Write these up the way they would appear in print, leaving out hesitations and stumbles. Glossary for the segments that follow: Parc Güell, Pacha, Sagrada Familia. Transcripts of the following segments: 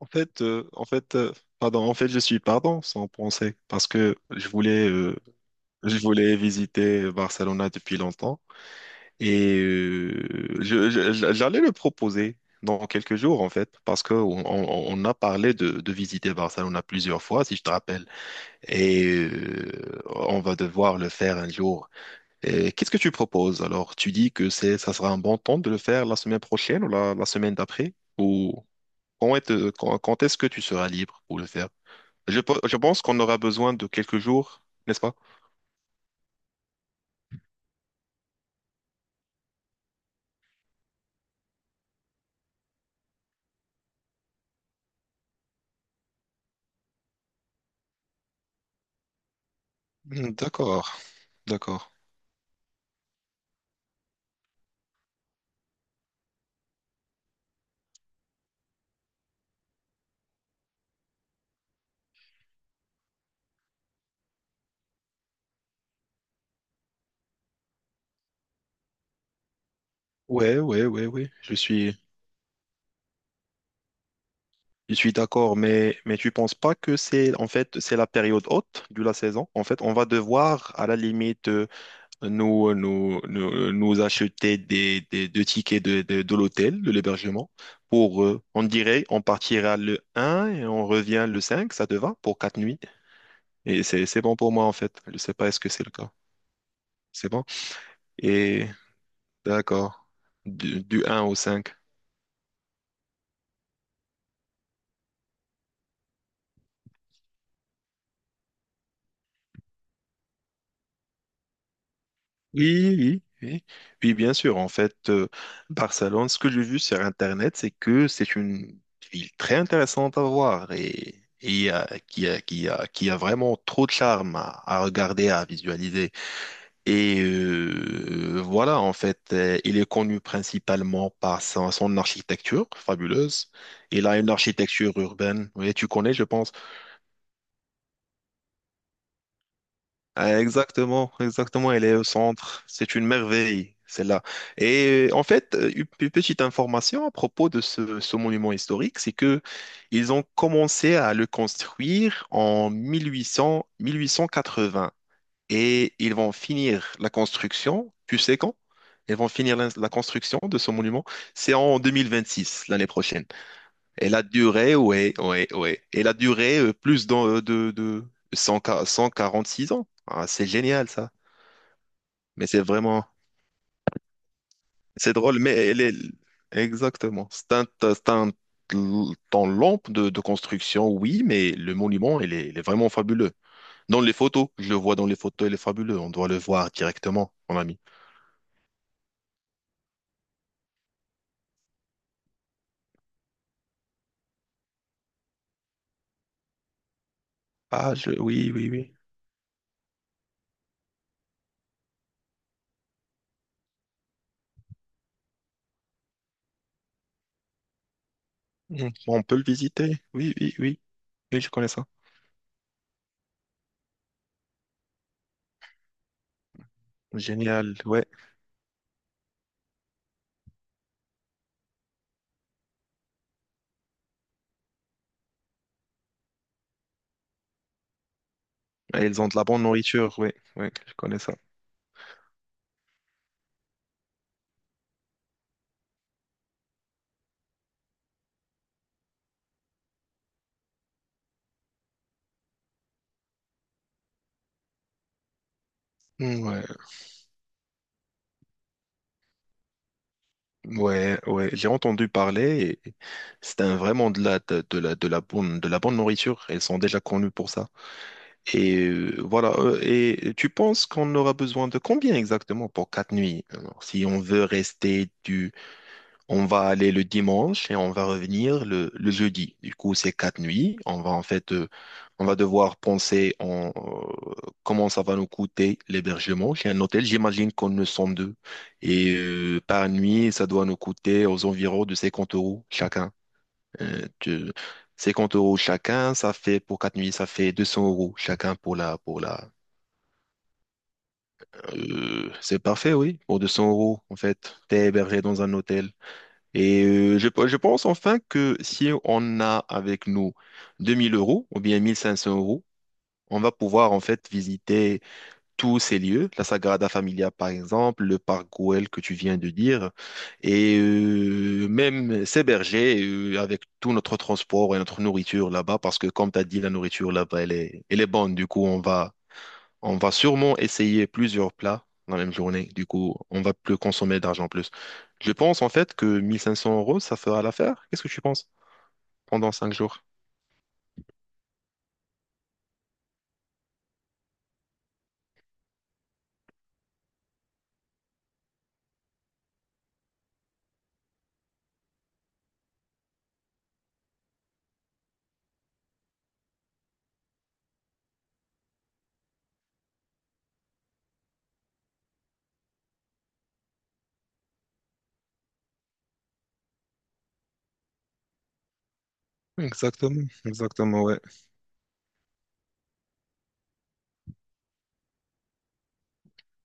En fait, euh, en fait, euh, pardon, en fait, je suis pardon sans penser parce que je voulais visiter Barcelona depuis longtemps et j'allais le proposer dans quelques jours en fait parce que on a parlé de visiter Barcelona plusieurs fois si je te rappelle et euh, on va devoir le faire un jour. Et qu'est-ce que tu proposes alors? Tu dis que c'est, ça sera un bon temps de le faire la semaine prochaine ou la semaine d'après ou quand est-ce que tu seras libre pour le faire? Je pense qu'on aura besoin de quelques jours, n'est-ce pas? D'accord, d'accord. Ouais, ouais, ouais, ouais. Je suis d'accord, mais tu penses pas que c'est, en fait, c'est la période haute de la saison? En fait, on va devoir, à la limite, nous acheter des tickets de l'hôtel, de l'hébergement, pour, on dirait, on partira le un et on revient le 5, ça te va, pour quatre nuits. Et c'est bon pour moi, en fait. Je sais pas, est-ce que c'est le cas? C'est bon. Et d'accord. Du 1 au 5. Oui, oui, oui. Oui, bien sûr. Barcelone, ce que j'ai vu sur Internet, c'est que c'est une ville très intéressante à voir qui a vraiment trop de charme à regarder, à visualiser. Il est connu principalement par son architecture fabuleuse. Il a une architecture urbaine. Oui, tu connais, je pense. Ah, exactement, exactement, elle est au centre. C'est une merveille, celle-là. Une petite information à propos de ce monument historique, c'est que ils ont commencé à le construire en 1800, 1880 et ils vont finir la construction, tu sais quand? Ils vont finir la construction de ce monument, c'est en 2026, l'année prochaine. Et la durée, ouais, ouais, ouais. Et la durée, plus dans, de 100 146 ans. Ah, c'est génial, ça. Mais c'est vraiment, c'est drôle, mais elle est, exactement. C'est un temps long de construction, oui, mais le monument, il est vraiment fabuleux. Dans les photos, je le vois dans les photos, il est fabuleux. On doit le voir directement, mon ami. Ah, je, oui, oui, oui. Mm. On peut le visiter. Oui, oui, oui. Oui, je connais ça. Génial, ouais. Et ils ont de la bonne nourriture, oui, oui, je connais ça. Ouais, ouais, ouais. J'ai entendu parler et vraiment de la de la bonne nourriture. Elles sont déjà connues pour ça. Et voilà. Et tu penses qu'on aura besoin de combien exactement pour quatre nuits? Alors, si on veut rester on va aller le dimanche et on va revenir le jeudi. Du coup, c'est quatre nuits. On va devoir penser en, comment ça va nous coûter l'hébergement chez un hôtel. J'imagine qu'on ne sont deux. Et par nuit, ça doit nous coûter aux environs de 50 euros chacun. Euh, tu- 50 euros chacun, ça fait pour quatre nuits, ça fait 200 euros chacun pour pour la. C'est parfait, oui. Pour 200 euros, en fait, t'es hébergé dans un hôtel. Je pense enfin que si on a avec nous 2 000 euros ou bien 1 500 euros, on va pouvoir en fait visiter tous ces lieux, la Sagrada Familia par exemple, le parc Güell que tu viens de dire, et même s'héberger avec tout notre transport et notre nourriture là-bas, parce que comme tu as dit, la nourriture là-bas, elle est bonne, du coup on va sûrement essayer plusieurs plats dans la même journée. Du coup, on va plus consommer d'argent en plus. Je pense en fait que 1500 euros, ça fera l'affaire. Qu'est-ce que tu penses pendant cinq jours? Exactement, exactement, ouais.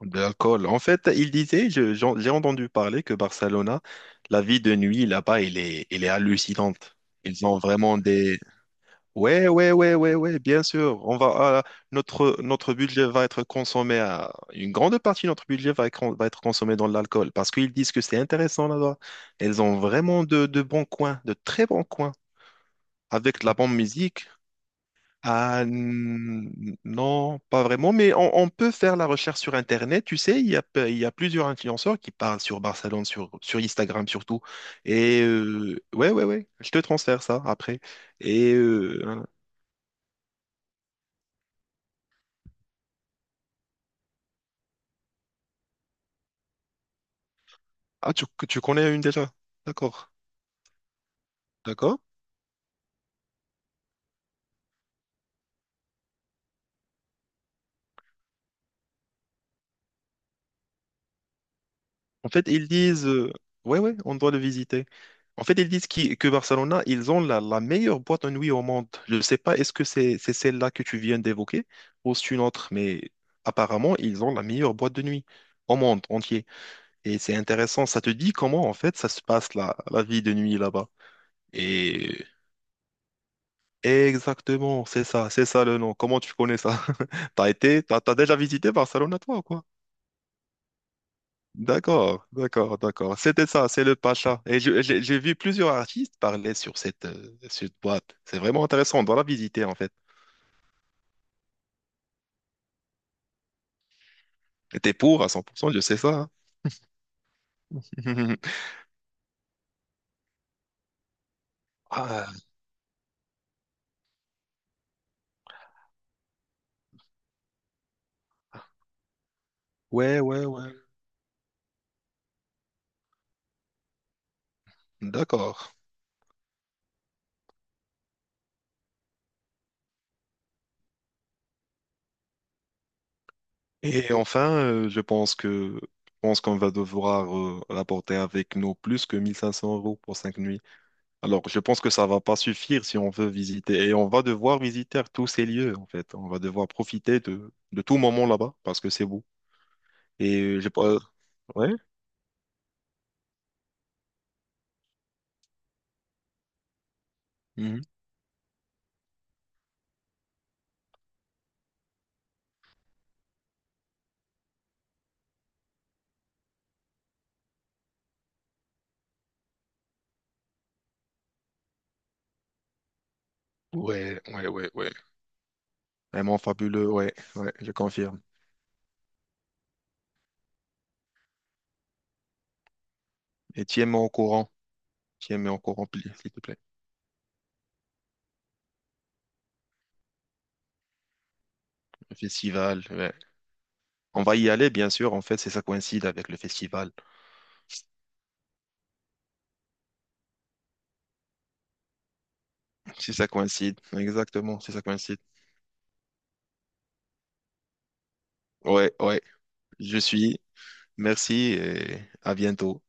De l'alcool. En fait, il disait, j'ai entendu parler que Barcelona, la vie de nuit là-bas, elle est hallucinante. Ils ont vraiment des… Ouais, ouais, ouais, ouais, ouais, bien sûr. Ah, notre, notre budget va être consommé à… Une grande partie de notre budget va être consommé dans l'alcool parce qu'ils disent que c'est intéressant là-bas. Ils ont vraiment de bons coins, de très bons coins, avec de la bonne musique. Non, pas vraiment, mais on peut faire la recherche sur Internet. Tu sais, il y a plusieurs influenceurs qui parlent sur Barcelone, sur Instagram surtout. Et ouais, ouais, ouais, je te transfère ça après. Et euh, ah, tu connais une déjà? D'accord, d'accord. En fait, ils disent, Ouais, ouais, on doit le visiter. En fait, ils disent que Barcelona, ils ont la meilleure boîte de nuit au monde. Je ne sais pas, est-ce que c'est celle-là que tu viens d'évoquer ou c'est une autre, mais apparemment, ils ont la meilleure boîte de nuit au monde entier. Et c'est intéressant, ça te dit comment, en fait, ça se passe, la vie de nuit là-bas. Et exactement, c'est ça le nom. Comment tu connais ça? T'as été, t'as déjà visité Barcelona, toi, ou quoi? D'accord, d'accord, d'accord. C'était ça, c'est le Pacha. Et j'ai vu plusieurs artistes parler sur cette, cette boîte. C'est vraiment intéressant, on doit la visiter en fait. Et t'es pour à 100%, je sais ça, hein. Ah, ouais, ouais, ouais. D'accord. Et enfin, je pense qu'on va devoir rapporter avec nous plus que 1500 euros pour cinq nuits. Alors, je pense que ça va pas suffire si on veut visiter. Et on va devoir visiter tous ces lieux en fait. On va devoir profiter de tout moment là-bas parce que c'est beau. J'ai pas… Ouais? Mhm. Ouais, ouais, ouais, ouais. Vraiment fabuleux, ouais, ouais, je confirme. Et tiens-moi au courant, s'il te plaît. Le festival, ouais. On va y aller, bien sûr, en fait, si ça coïncide avec le festival. Si ça coïncide, exactement, si ça coïncide. Ouais, ouais, je suis. Merci et à bientôt.